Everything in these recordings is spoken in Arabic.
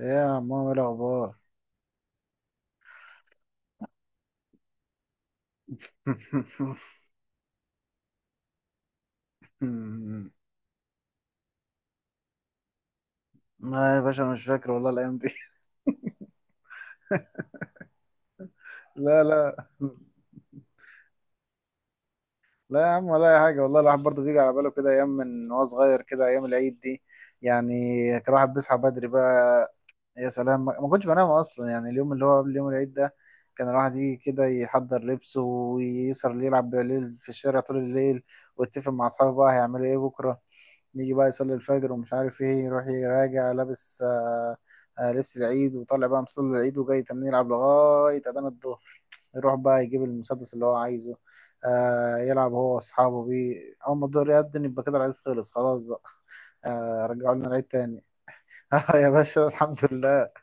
ايه يا عمو، ايه الاخبار؟ لا يا باشا، مش فاكر والله الايام دي. لا، لا يا عم ولا اي حاجه، والله الواحد برضه بيجي على باله كده ايام من وهو صغير، كده ايام العيد دي يعني. كان الواحد بيصحى بدري بقى. يا سلام، ما كنتش بنام اصلا، يعني اليوم اللي هو قبل يوم العيد ده. كان الواحد يجي كده يحضر لبسه ويسهر يلعب بالليل في الشارع طول الليل، ويتفق مع اصحابه بقى هيعملوا ايه بكره. يجي بقى يصلي الفجر ومش عارف ايه، يروح يراجع لابس لبس العيد وطالع بقى مصلي العيد وجاي تمام يلعب لغاية أذان الظهر. يروح بقى يجيب المسدس اللي هو عايزه، آه يلعب هو وأصحابه بيه. أول ما الظهر يأذن يبقى كده العيد خلص خلاص بقى. آه رجعوا لنا العيد تاني. آه يا باشا الحمد لله.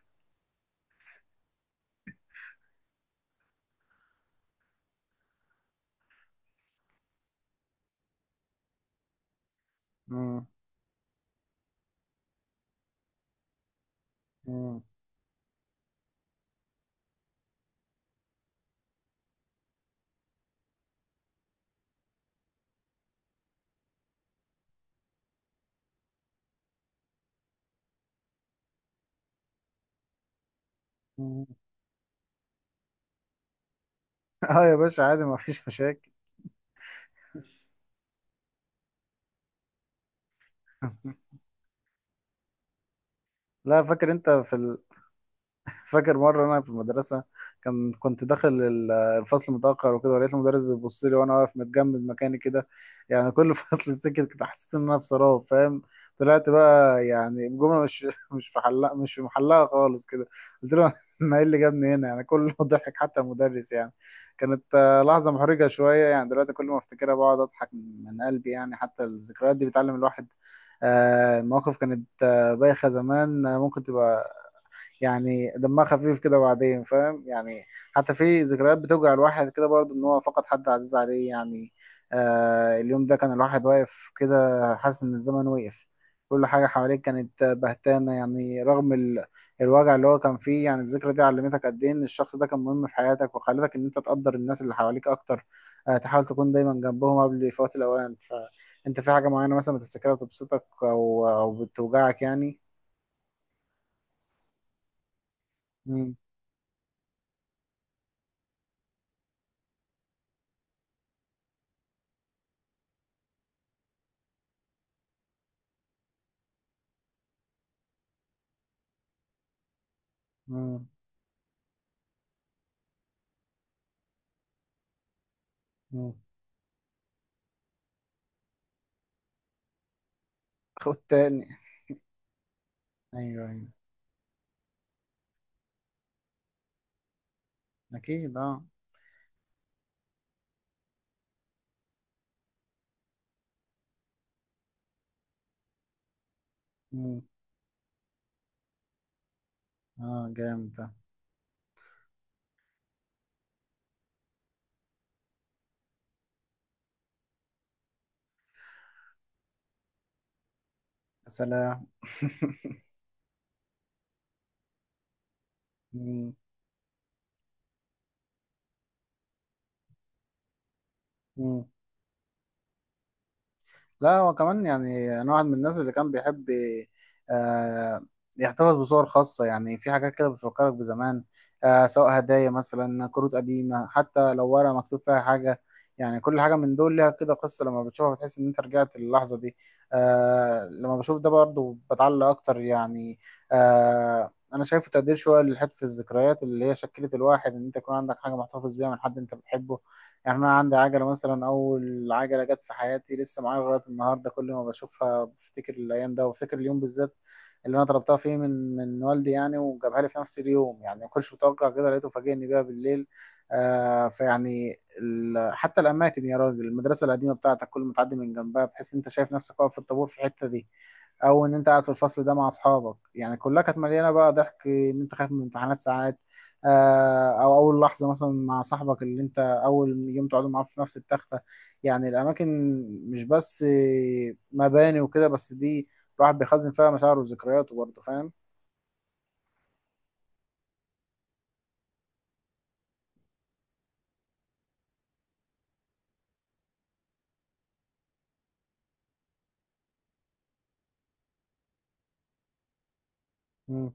مم. مم. مم. اه يا باشا، عادي، ما فيش مشاكل. لا، فاكر انت في ال... فاكر مرة أنا في المدرسة، كنت داخل الفصل متأخر وكده، ولقيت المدرس بيبص لي وأنا واقف متجمد مكاني كده. يعني كل فصل سكت كده، حسيت إن أنا في سراب، فاهم. طلعت بقى يعني الجملة مش مش في حلها، مش في محلها خالص كده. قلت له أنا إيه اللي جابني هنا؟ يعني كله ضحك حتى المدرس. يعني كانت لحظة محرجة شوية، يعني دلوقتي كل ما أفتكرها بقعد أضحك من قلبي. يعني حتى الذكريات دي بتعلم الواحد. المواقف كانت بايخة زمان، ممكن تبقى يعني دمها خفيف كده بعدين، فاهم يعني. حتى في ذكريات بتوجع الواحد كده برضه، ان هو فقد حد عزيز عليه يعني. آه اليوم ده كان الواحد واقف كده حاسس ان الزمن وقف، كل حاجة حواليك كانت بهتانة، يعني رغم ال... الوجع اللي هو كان فيه. يعني الذكرى دي علمتك قد ايه ان الشخص ده كان مهم في حياتك، وخلتك ان انت تقدر الناس اللي حواليك اكتر. آه، تحاول تكون دايما جنبهم قبل فوات الاوان. فانت في حاجة معينة مثلا بتفتكرها بتبسطك او بتوجعك يعني. مم. مم. مم. خد تاني. ايوه ايوه. اكيد اه. مم. اه جامد ده. يا سلام. مم. مم. لا، هو كمان يعني انا واحد من الناس اللي كان بيحب آه يحتفظ بصور خاصة، يعني في حاجات كده بتفكرك بزمان. آه، سواء هدايا، مثلا كروت قديمة، حتى لو ورقة مكتوب فيها حاجة. يعني كل حاجة من دول ليها كده قصة، لما بتشوفها بتحس ان انت رجعت للحظة دي. آه، لما بشوف ده برضه بتعلق اكتر يعني. آه انا شايفه تقدير شوية لحتة الذكريات اللي هي شكلت الواحد، ان انت يكون عندك حاجة محتفظ بيها من حد انت بتحبه. يعني انا عندي عجله مثلا، اول عجله جت في حياتي لسه معايا لغايه النهارده، كل ما بشوفها بفتكر الايام ده، وبفتكر اليوم بالذات اللي انا طلبتها فيه من والدي يعني، وجابها لي في نفس اليوم، يعني ما كنتش متوقع كده، لقيته فاجئني بيها بالليل. آه فيعني ال... حتى الاماكن يا راجل، المدرسه القديمه بتاعتك كل ما تعدي من جنبها بتحس ان انت شايف نفسك واقف في الطابور في الحته دي، او ان انت قاعد في الفصل ده مع اصحابك. يعني كلها كانت مليانه بقى ضحك، ان انت خايف من الامتحانات ساعات. آه او اول لحظه مثلا مع صاحبك اللي انت اول يوم تقعدوا معاه في نفس التخته. يعني الاماكن مش بس مباني وكده بس، دي الواحد بيخزن فيها مشاعره وذكرياته برضه، فاهم. مم.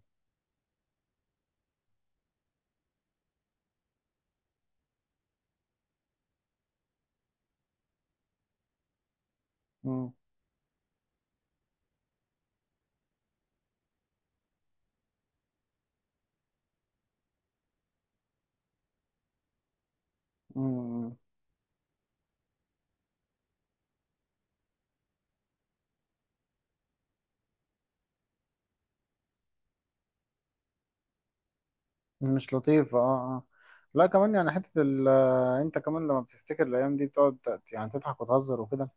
مم. مم. مش لطيفه اه. اه. لا كمان يعني حته انت كمان لما بتفتكر الايام دي بتقعد يعني تضحك وتهزر وكده.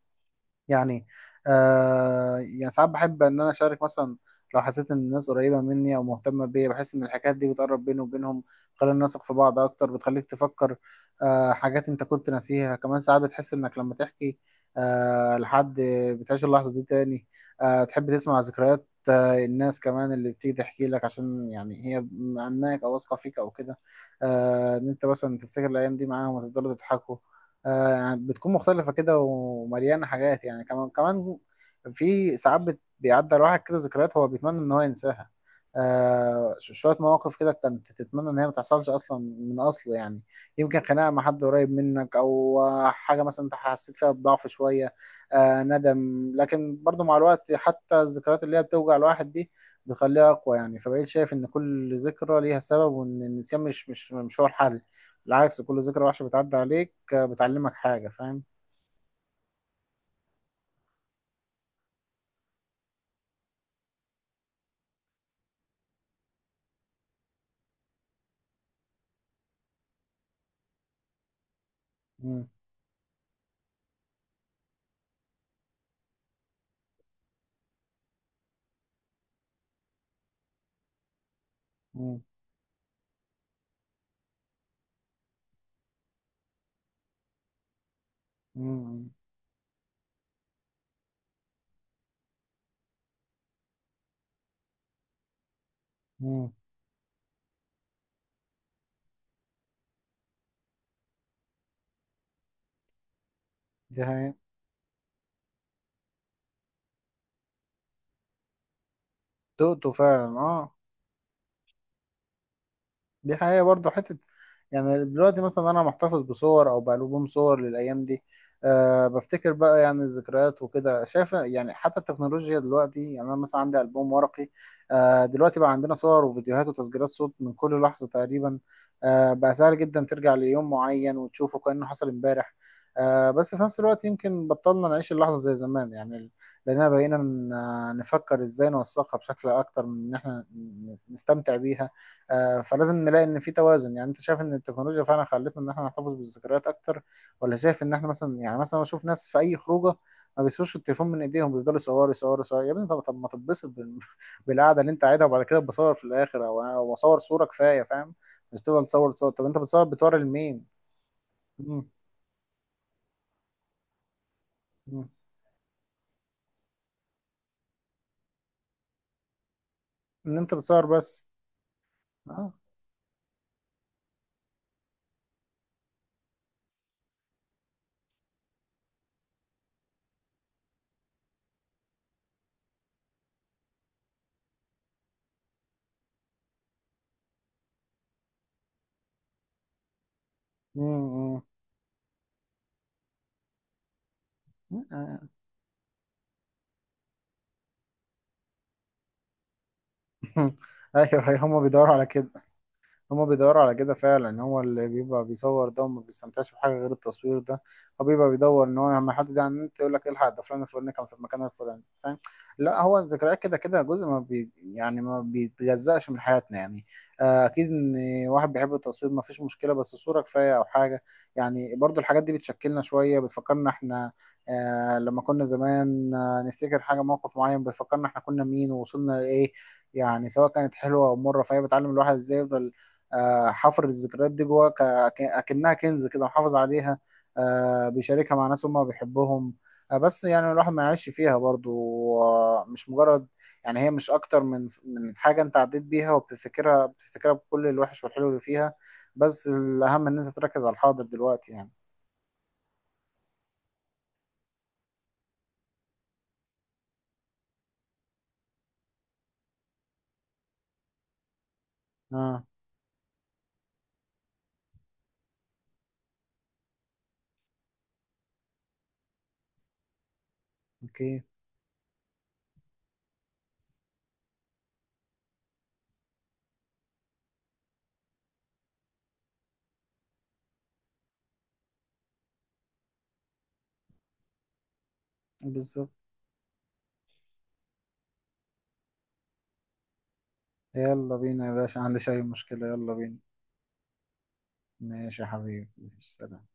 يعني يعني ساعات بحب ان انا اشارك مثلا، لو حسيت ان الناس قريبه مني او مهتمه بيا، بحس ان الحكايات دي بتقرب بيني وبينهم، بتخلينا نثق في بعض اكتر، بتخليك تفكر آه حاجات انت كنت ناسيها. كمان ساعات بتحس انك لما تحكي آه لحد بتعيش اللحظه دي تاني. آه، تحب تسمع ذكريات آه الناس كمان اللي بتيجي تحكي لك، عشان يعني هي عنك او واثقه فيك او كده. آه ان انت مثلا تفتكر الايام دي معاهم وتفضلوا تضحكوا. يعني بتكون مختلفة كده ومليانة حاجات يعني، كمان في ساعات بيعدي على واحد كده ذكريات هو بيتمنى إن هو ينساها. آه، شوية مواقف كده كانت تتمنى إن هي ما تحصلش أصلا من أصله يعني. يمكن خناقة مع حد قريب منك، أو حاجة مثلا أنت حسيت فيها بضعف شوية، آه ندم. لكن برضو مع الوقت حتى الذكريات اللي هي بتوجع الواحد دي بيخليها أقوى يعني، فبقيت شايف إن كل ذكرى ليها سبب، وإن النسيان مش هو الحل. بالعكس، كل ذكرى وحشة بتعدي عليك بتعلمك حاجة، فاهم. مم. مم. مم. مم. دي حقيقة. دقته فعلا اه. دي حقيقة برضو حتة. يعني دلوقتي مثلا أنا محتفظ بصور أو بألبوم صور للأيام دي. أه، بفتكر بقى يعني الذكريات وكده، شايف يعني حتى التكنولوجيا دلوقتي، يعني أنا مثلا عندي ألبوم ورقي. أه دلوقتي بقى عندنا صور وفيديوهات وتسجيلات صوت من كل لحظة تقريبا. أه بقى سهل جدا ترجع ليوم معين وتشوفه كأنه حصل امبارح. أه بس في نفس الوقت يمكن بطلنا نعيش اللحظة زي زمان يعني، لأننا بقينا نفكر إزاي نوثقها بشكل أكتر من إن إحنا نستمتع بيها. فلازم نلاقي ان في توازن. يعني انت شايف ان التكنولوجيا فعلا خلتنا ان احنا نحتفظ بالذكريات اكتر، ولا شايف ان احنا مثلا؟ يعني مثلا بشوف ناس في اي خروجه ما بيسيبوش التليفون من ايديهم، بيفضلوا يصوروا يصوروا يصوروا. يا ابني طب ما تتبسط بال- بالقعده اللي انت قاعدها، وبعد كده بصور في الاخر، او اصور صوره كفايه، فاهم؟ مش تفضل تصور تصور. طب انت بتصور بتوري لمين؟ مم، مم. ان انت بتصور بس. اه. مم، مم. ايوه ايوه، هما بيدوروا على كده. هما بيدوروا على كده فعلا، هو اللي بيبقى بيصور ده وما بيستمتعش بحاجة غير التصوير ده. هو بيبقى بيدور ان هو لما يحط ده على النت يقول لك الحق، ده فلان الفلاني كان في المكان الفلاني، فاهم. لا، هو الذكريات كده كده جزء ما بي يعني ما بيتجزأش من حياتنا يعني. اكيد ان واحد بيحب التصوير ما فيش مشكلة، بس صورة كفاية او حاجة. يعني برضو الحاجات دي بتشكلنا شوية، بتفكرنا احنا لما كنا زمان. نفتكر حاجة، موقف معين بيفكرنا احنا كنا مين ووصلنا لإيه، يعني سواء كانت حلوة أو مرة، فهي بتعلم الواحد ازاي يفضل حفر الذكريات دي جواه اكنها كنز كده محافظ عليها. بيشاركها مع ناس هم بيحبهم. بس يعني الواحد ما يعيش فيها برضو. آه، مش مجرد يعني هي مش اكتر من حاجه انت عديت بيها وبتفتكرها، بكل الوحش والحلو اللي فيها، بس الاهم ان انت تركز على الحاضر دلوقتي يعني. اه. اوكي. بالظبط. يلا بينا يا باشا، عندي أي مشكله، يلا بينا. ماشي يا حبيبي، ماشي، سلام.